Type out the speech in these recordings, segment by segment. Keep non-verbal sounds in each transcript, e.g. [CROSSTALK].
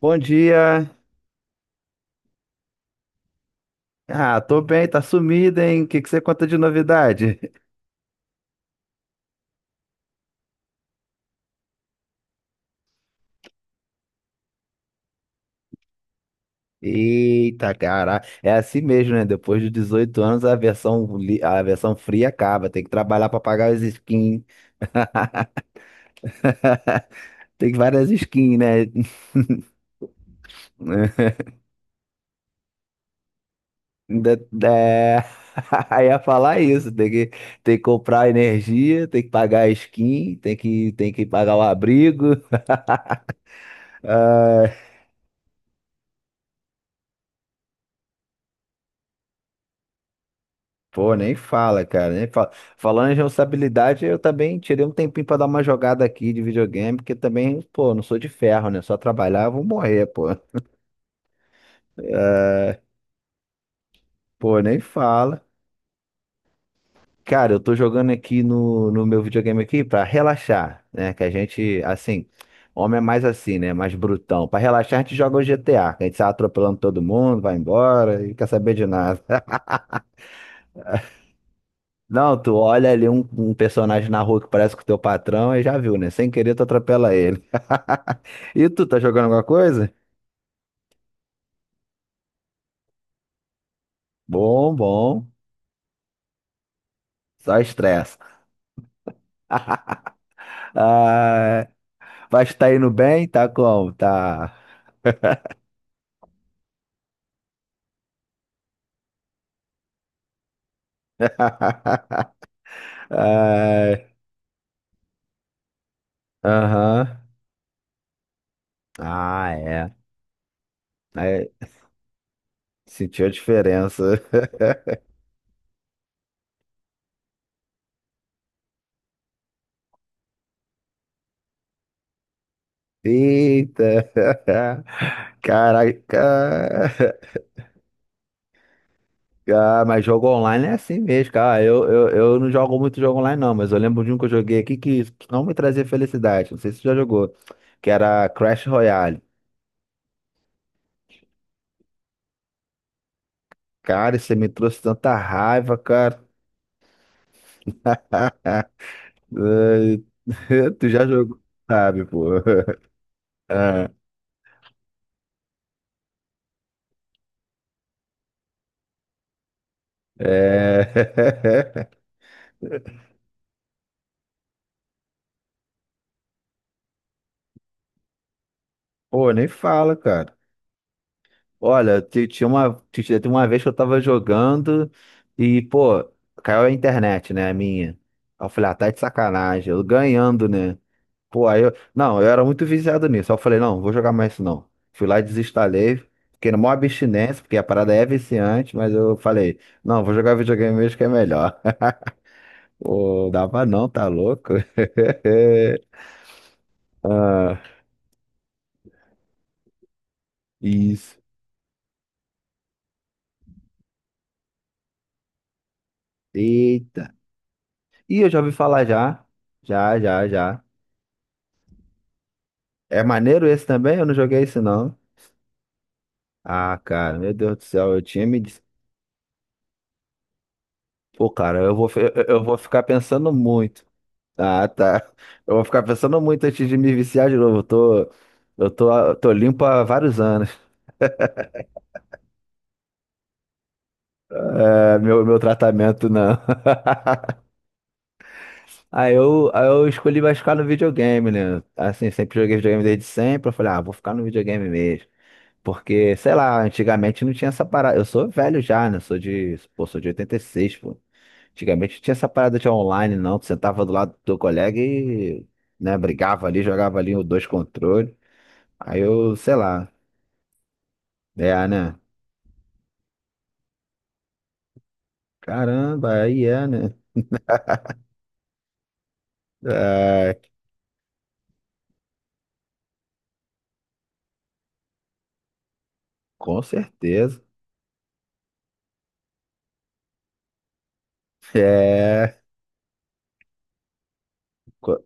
Bom dia. Ah, tô bem, tá sumido, hein? O que que você conta de novidade? [LAUGHS] Eita, cara, é assim mesmo, né? Depois de 18 anos, a versão, a versão fria acaba. Tem que trabalhar pra pagar as skins. [LAUGHS] Tem várias skins, né? [LAUGHS] Ainda- É... [LAUGHS] Aí ia falar isso. Tem que comprar energia, tem que pagar a skin, tem que pagar o abrigo. [LAUGHS] Pô, nem fala, cara, nem fala. Falando em responsabilidade, eu também tirei um tempinho pra dar uma jogada aqui de videogame, porque também, pô, não sou de ferro, né? Só trabalhar, eu vou morrer, pô. Pô, nem fala. Cara, eu tô jogando aqui no meu videogame aqui pra relaxar, né? Que a gente, assim, homem é mais assim, né? Mais brutão. Pra relaxar, a gente joga o GTA, que a gente sai atropelando todo mundo, vai embora e quer saber de nada. [LAUGHS] Não, tu olha ali um personagem na rua que parece com o teu patrão e já viu, né? Sem querer, tu atropela ele. E tu, tá jogando alguma coisa? Bom, bom. Só estressa. [LAUGHS] Ah, mas tá indo bem? Tá como? Tá. [LAUGHS] Ah, aham. Ah, é. Aí, sentiu a diferença. [LAUGHS] Eita. Caraca. Ah, mas jogo online é assim mesmo, cara. Ah, eu não jogo muito jogo online, não, mas eu lembro de um que eu joguei aqui que não me trazia felicidade. Não sei se você já jogou. Que era Crash Royale. Cara, você me trouxe tanta raiva, cara. [LAUGHS] Ai, [LAUGHS] Tu já jogou, sabe, pô. [LAUGHS] Ah, É... [LAUGHS] Pô, nem fala, cara. Olha, tinha uma vez que eu tava jogando e, pô, caiu a internet, né, a minha. Aí eu falei, ah, tá de sacanagem. Eu ganhando, né? Pô, aí eu. Não, eu era muito viciado nisso. Aí eu falei, não, vou jogar mais isso não. Fui lá e desinstalei. Fiquei na maior abstinência, porque a parada é viciante, mas eu falei, não, vou jogar videogame mesmo que é melhor. [LAUGHS] Pô, dava não, tá louco? [LAUGHS] Isso. Eita. Ih, eu já ouvi falar já. Já, já, já. É maneiro esse também? Eu não joguei esse não. Ah, cara, meu Deus do céu, eu tinha me disse. Pô, cara, eu vou ficar pensando muito. Ah, tá. Eu vou ficar pensando muito antes de me viciar de novo. Tô limpo há vários anos. É, meu tratamento não. [LAUGHS] Aí eu escolhi mais ficar no videogame, né? Assim, sempre joguei videogame desde sempre. Eu falei, ah, vou ficar no videogame mesmo. Porque, sei lá, antigamente não tinha essa parada. Eu sou velho já, né? Sou de 86, pô. Antigamente não tinha essa parada de online, não. Tu sentava do lado do teu colega e, né, brigava ali, jogava ali os dois controles. Aí eu, sei lá, é, né? Caramba, aí é, né? É, com certeza. É, co-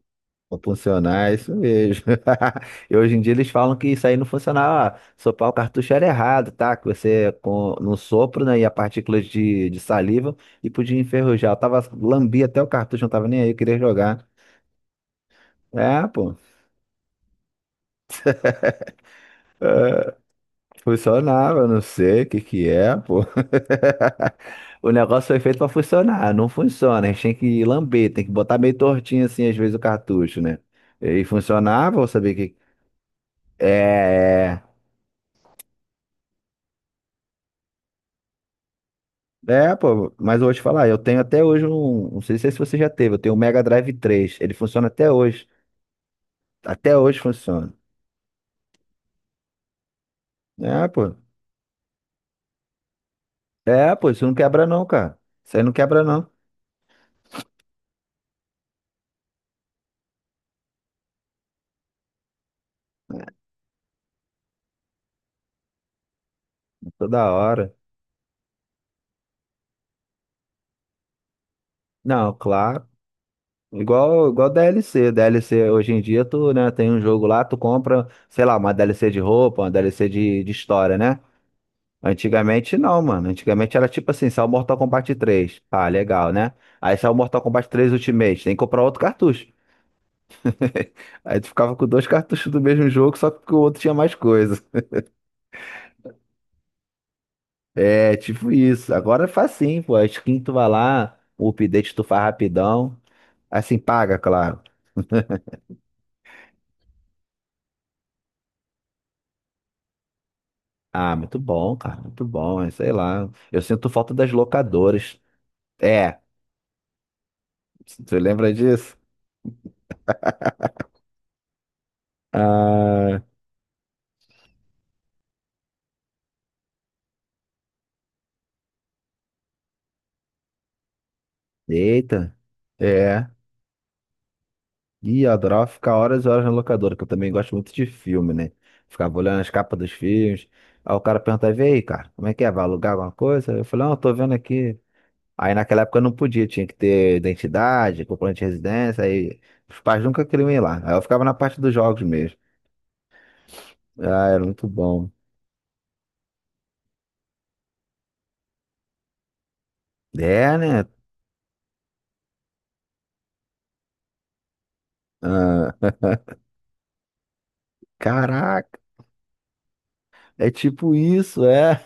funcionar, é isso mesmo. [LAUGHS] E hoje em dia eles falam que isso aí não funcionava. Ah, sopar o cartucho era errado, tá? Que você, com, no sopro, né, ia partículas de saliva e podia enferrujar. Eu tava, lambi até o cartucho, não tava nem aí, eu queria jogar. É, pô, funcionava, eu não sei o que que é, pô. O negócio foi feito pra funcionar, não funciona. A gente tem que lamber, tem que botar meio tortinho assim, às vezes, o cartucho, né? E funcionava, eu sabia que. É, é, pô, mas eu vou te falar, eu tenho até hoje um. Não sei se você já teve, eu tenho um Mega Drive 3. Ele funciona até hoje. Até hoje funciona. É, pô. É, pô, isso não quebra não, cara. Isso aí não quebra não. Toda hora. Não, claro. Igual DLC. DLC hoje em dia, tu, né, tem um jogo lá, tu compra, sei lá, uma DLC de roupa, uma DLC de história, né? Antigamente não, mano. Antigamente era tipo assim, saiu Mortal Kombat 3. Ah, legal, né? Aí saiu Mortal Kombat 3 Ultimate, tem que comprar outro cartucho. [LAUGHS] Aí tu ficava com dois cartuchos do mesmo jogo, só que o outro tinha mais coisa. É, tipo isso. Agora é facinho, pô. A skin tu vai lá, o update tu faz rapidão. Assim, paga, claro. Ah, muito bom, cara, muito bom, mas sei lá. Eu sinto falta das locadoras. É, você lembra disso? Ah, eita, é. Ih, eu adorava ficar horas e horas na locadora, que eu também gosto muito de filme, né? Ficava olhando as capas dos filmes. Aí o cara perguntava, e aí, cara, como é que é? Vai alugar alguma coisa? Eu falei, não, eu tô vendo aqui. Aí naquela época eu não podia, tinha que ter identidade, comprovante de residência, aí os pais nunca queriam ir lá. Aí eu ficava na parte dos jogos mesmo. Ah, era muito bom. É, né? Ah, caraca, é tipo isso, é?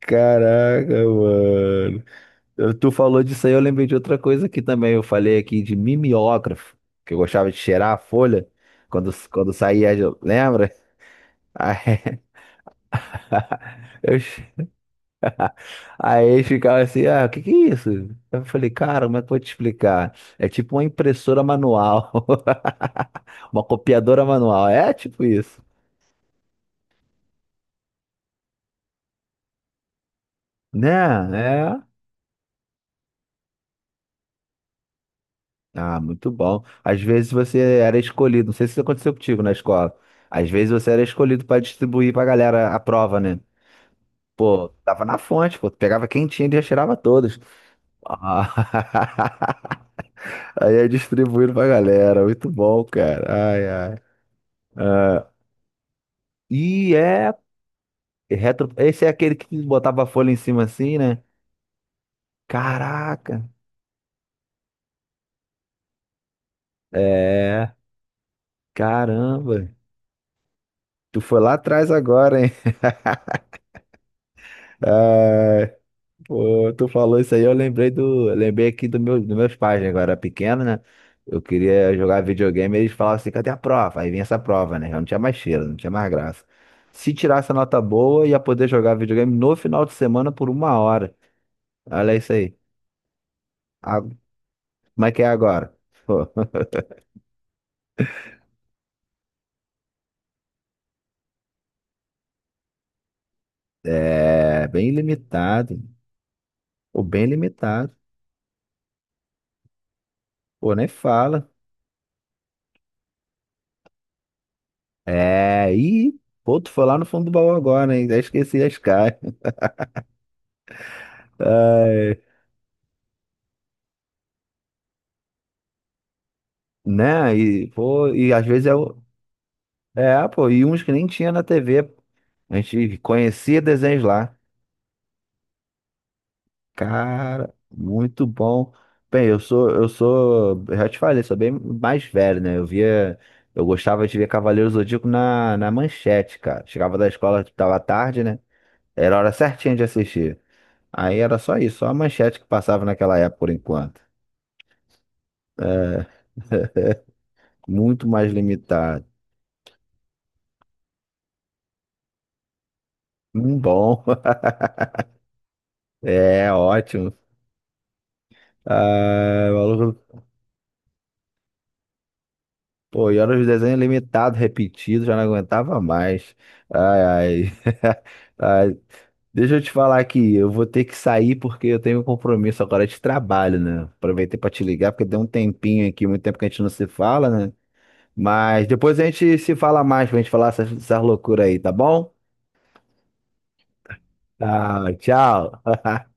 Caraca, mano. Tu falou disso aí, eu lembrei de outra coisa aqui também. Eu falei aqui de mimeógrafo, que eu gostava de cheirar a folha quando saía, lembra? Aí, [LAUGHS] eu, che- aí eles ficavam assim, ah, o que que é isso? Eu falei, cara, como é que eu vou te explicar? É tipo uma impressora manual, [LAUGHS] uma copiadora manual, é tipo isso, né? É. Ah, muito bom. Às vezes você era escolhido, não sei se isso aconteceu contigo na escola. Às vezes você era escolhido para distribuir pra galera a prova, né? Pô, tava na fonte, pô, tu pegava quem tinha e já tirava todos. Ah, [LAUGHS] Aí é distribuindo pra galera, muito bom, cara. Ai, ai. Ah, e é retro, esse é aquele que botava a folha em cima assim, né? Caraca. É, caramba. Tu foi lá atrás agora, hein? [LAUGHS] Ah, pô, tu falou isso aí, eu lembrei aqui dos meus pais, né? Quando eu era pequeno, né? Eu queria jogar videogame, eles falavam assim, cadê a prova? Aí vinha essa prova, né? Eu não tinha mais cheiro, não tinha mais graça. Se tirasse a nota boa, ia poder jogar videogame no final de semana por uma hora. Olha isso aí. A- Como é que é agora? [LAUGHS] Pô, é bem limitado. Pô, bem limitado. Pô, nem fala. É, e, pô, tu foi lá no fundo do baú agora, hein? Já esqueci as caras. [LAUGHS] Né? E, pô, e às vezes é, pô, e uns que nem tinha na TV. A gente conhecia desenhos lá. Cara, muito bom. Bem, eu já te falei, sou bem mais velho, né? Eu gostava de ver Cavaleiro Zodíaco na manchete, cara. Chegava da escola, tava tarde, né? Era a hora certinha de assistir. Aí era só isso, só a manchete que passava naquela época por enquanto. [LAUGHS] Muito mais limitado. Bom. [LAUGHS] É, ótimo. Ai, maluco. Pô, e olha os desenhos limitados, repetidos, já não aguentava mais. Ai, ai. [LAUGHS] Ai, deixa eu te falar aqui, eu vou ter que sair porque eu tenho um compromisso agora de trabalho, né? Aproveitei pra te ligar porque deu um tempinho aqui, muito tempo que a gente não se fala, né? Mas depois a gente se fala mais pra gente falar essas loucuras aí, tá bom? Tá, tchau. [LAUGHS]